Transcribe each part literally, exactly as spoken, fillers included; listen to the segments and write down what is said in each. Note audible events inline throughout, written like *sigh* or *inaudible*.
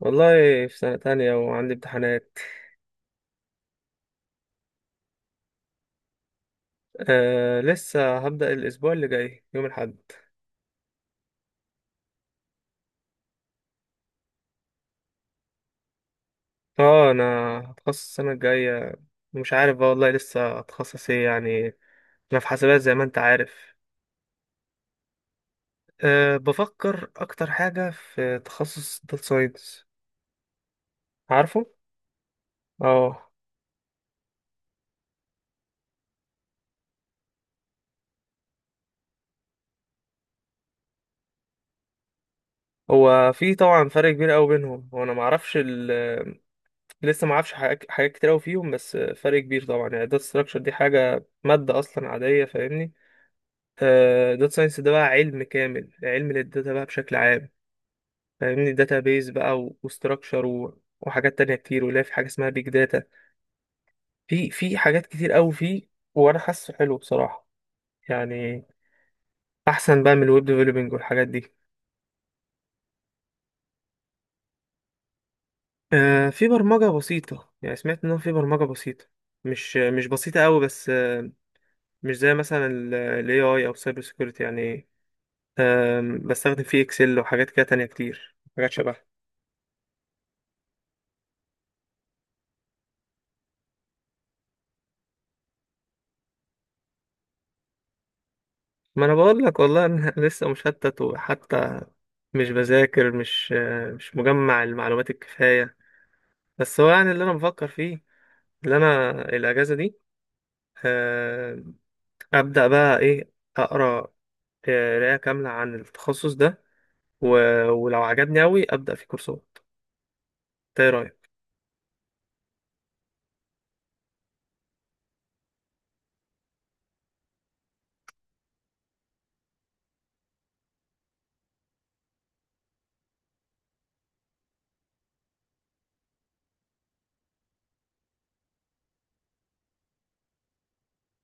والله، في سنة تانية وعندي امتحانات. آه، لسه هبدأ الأسبوع اللي جاي يوم الأحد. اه أنا هتخصص السنة الجاية. مش عارف بقى والله لسه هتخصص ايه يعني. أنا في حاسبات زي ما أنت عارف. آه، بفكر أكتر حاجة في تخصص داتا ساينس. عارفه؟ اه، هو في طبعا فرق كبير أوي بينهم. هو أنا معرفش ال، لسه معرفش حاجات حاجات كتير أوي فيهم، بس فرق كبير طبعا. يعني داتا ستراكشر دي حاجة مادة أصلا عادية، فاهمني؟ داتا ساينس ده بقى علم كامل، علم للداتا بقى بشكل عام، فاهمني؟ داتا بيز بقى، وستراكشر، وحاجات تانية كتير، ولا في حاجة اسمها بيج داتا. في في حاجات كتير قوي فيه. وانا حاسه حلو بصراحة، يعني احسن بقى من الويب ديفلوبينج والحاجات دي. آه، في برمجة بسيطة، يعني سمعت ان هو في برمجة بسيطة، مش مش بسيطة قوي بس، آه، مش زي مثلا ال إيه آي او سايبر سيكيورتي يعني. آم، بستخدم فيه اكسل وحاجات كده تانية كتير، حاجات شبه. ما انا بقول لك والله انا *laughs* لسه مشتت، وحتى مش بذاكر، مش مش مجمع المعلومات الكفاية. بس هو يعني اللي انا بفكر فيه، اللي انا الاجازة دي، آه، ابدأ بقى ايه، اقرا، آه، قراية كاملة عن التخصص ده، و... ولو عجبني اوي ابدأ في كورسات. إنت ايه رأيك؟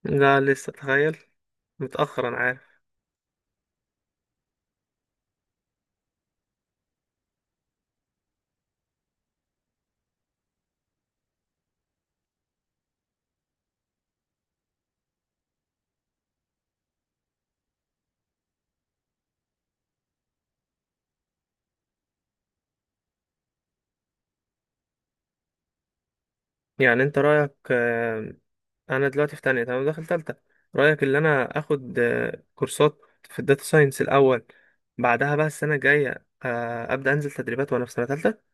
لا لسه، تخيل، متأخر انا عارف. يعني انت رأيك، انا دلوقتي في تانية تمام، داخل تالتة، رأيك ان انا اخد آه، كورسات في الداتا ساينس الاول، بعدها بقى السنة الجاية آه، ابدأ انزل تدريبات وانا في سنة تالتة؟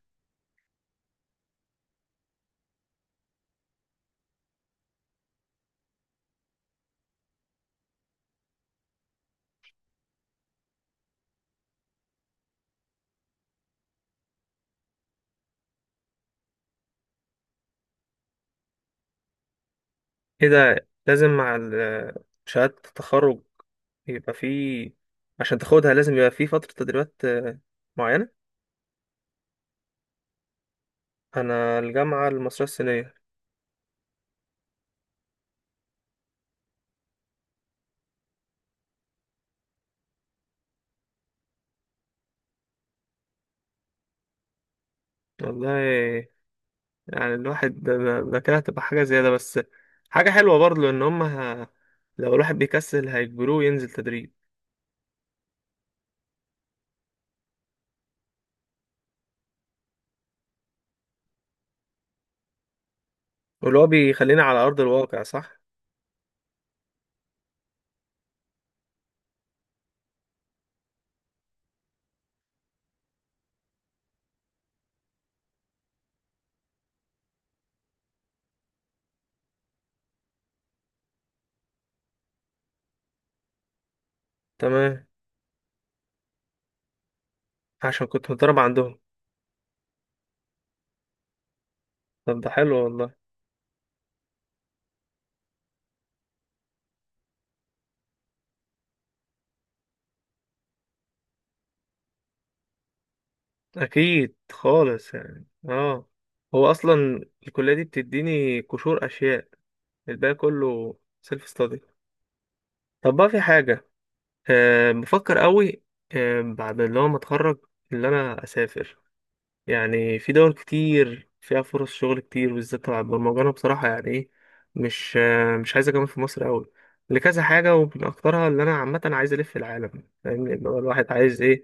ايه ده، لازم مع ال- آه، شهادة التخرج يبقى في، عشان تاخدها لازم يبقى في فترة تدريبات آه، معينة؟ انا الجامعة المصرية الصينية. والله، يعني الواحد ده ده- ده كده هتبقى حاجة زيادة بس، حاجة حلوة برضه، لان هم ه-، لو الواحد بيكسل هيجبروه ينزل تدريب. واللي هو بيخليني على أرض الواقع صح؟ تمام، عشان كنت متدرب عندهم. طب ده حلو والله. أكيد خالص يعني اه، هو أصلا الكلية دي بتديني قشور أشياء، الباقي كله سيلف ستادي. طب بقى في حاجة، أه بفكر قوي، أه، بعد اللي هو ما أتخرج، اللي أنا أسافر. يعني في دول كتير فيها فرص شغل كتير، بالذات تبع البرمجة. أنا بصراحة يعني إيه، مش آه، مش عايز أكمل في مصر أوي لكذا حاجة، ومن أكترها اللي أنا عامة عايز ألف العالم، فاهمني؟ اللي هو الواحد عايز إيه،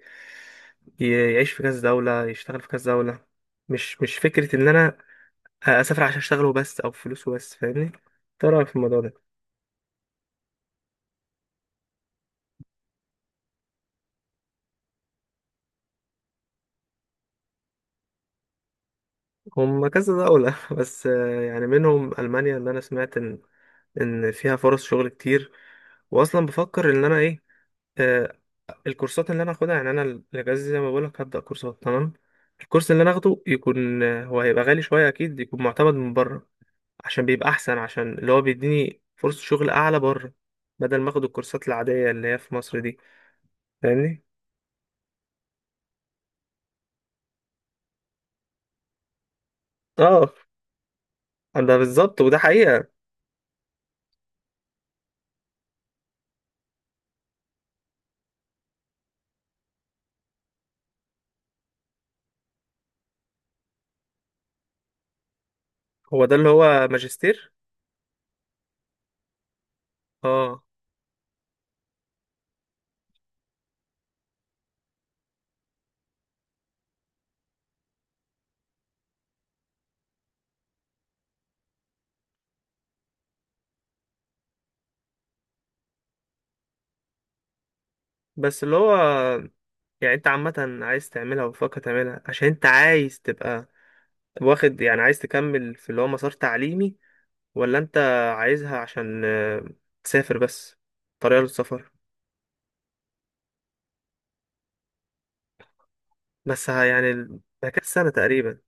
ي- يعيش في كذا دولة، يشتغل في كذا دولة. مش مش فكرة إن أنا أسافر عشان أشتغل وبس، أو فلوس وبس، فاهمني؟ إنت إيه رأيك في الموضوع ده؟ هم كذا دولة *laughs* بس آه، يعني منهم ألمانيا، اللي أنا سمعت إن إن فيها فرص شغل كتير. وأصلا بفكر إن أنا إيه، آه، الكورسات اللي انا هاخدها، يعني انا الاجازه زي ما بقولك هبدا كورسات، تمام. الكورس اللي انا هاخده يكون، هو هيبقى غالي شويه اكيد، يكون معتمد من بره، عشان بيبقى احسن، عشان اللي هو بيديني فرصه شغل اعلى بره، بدل ما اخد الكورسات العاديه اللي هي في مصر دي، فاهمني؟ اه، ده بالظبط، وده حقيقه. هو ده اللي هو ماجستير؟ اه. بس اللي هو، يعني انت عامه عايز تعملها وبتفكر تعملها عشان انت عايز تبقى واخد، يعني عايز تكمل في اللي هو مسار تعليمي؟ ولا انت عايزها عشان آه، تسافر بس، طريقة للسفر؟ بس ها يعني ال- ده كده سنة تقريبا.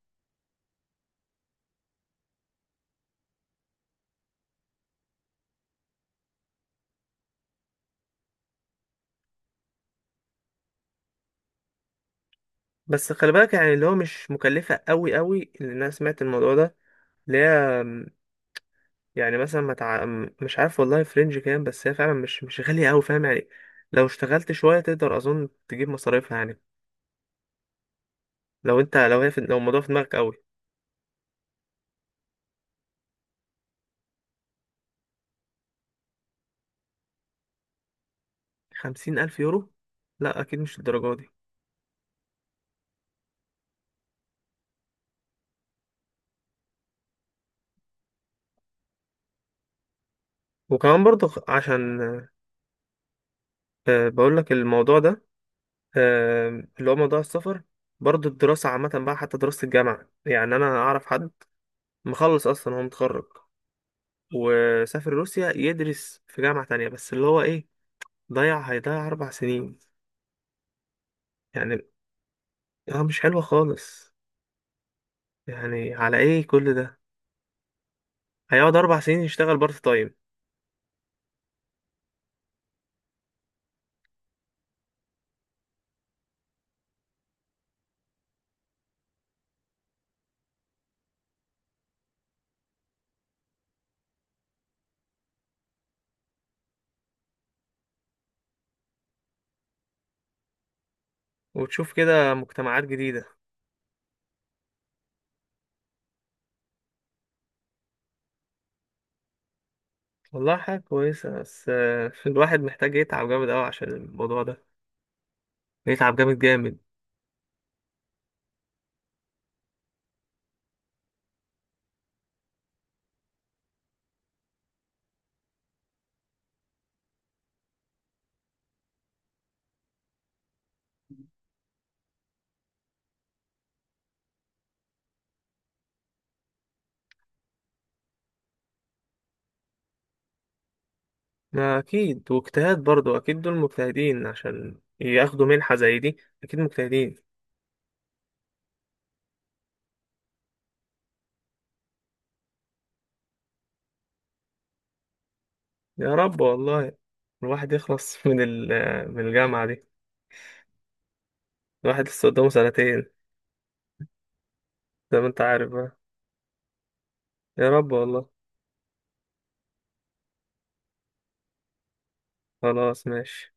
بس خلي بالك، يعني اللي هو مش مكلفة قوي قوي، لأن أنا سمعت الموضوع ده، اللي هي م، يعني مثلا ما تع... م، مش عارف والله فرنج كام، بس هي فعلا مش مش غالية قوي، فاهم يعني؟ لو اشتغلت شوية تقدر أظن تجيب مصاريفها يعني، لو انت لو هي في... لو الموضوع في دماغك قوي. خمسين ألف يورو؟ لا أكيد مش الدرجة دي. وكمان برضه خ- عشان آه، بقول لك الموضوع ده، آم، اللي هو موضوع السفر. برضه الدراسة عامة بقى، حتى دراسة الجامعة، يعني أنا أعرف حد مخلص أصلا، هو متخرج، وسافر روسيا يدرس في جامعة تانية، بس اللي هو إيه، ضيع، هيضيع أربع سنين يعني. آه مش حلوة خالص، يعني على إيه كل ده؟ هيقعد أربع سنين يشتغل بارت تايم. وتشوف كده مجتمعات جديدة. والله حاجة كويسة، بس آه، الواحد محتاج يتعب جامد أوي عشان الموضوع ده، يتعب جامد جامد. ما أكيد، واجتهاد برضو، أكيد دول مجتهدين عشان ياخدوا منحة زي دي، أكيد مجتهدين. يا رب والله، الواحد يخلص *laughs* من ال، من الجامعة دي. الواحد لسه قدامه سنتين، زي ما أنت عارف بقى. يا رب والله. خلاص ماشي.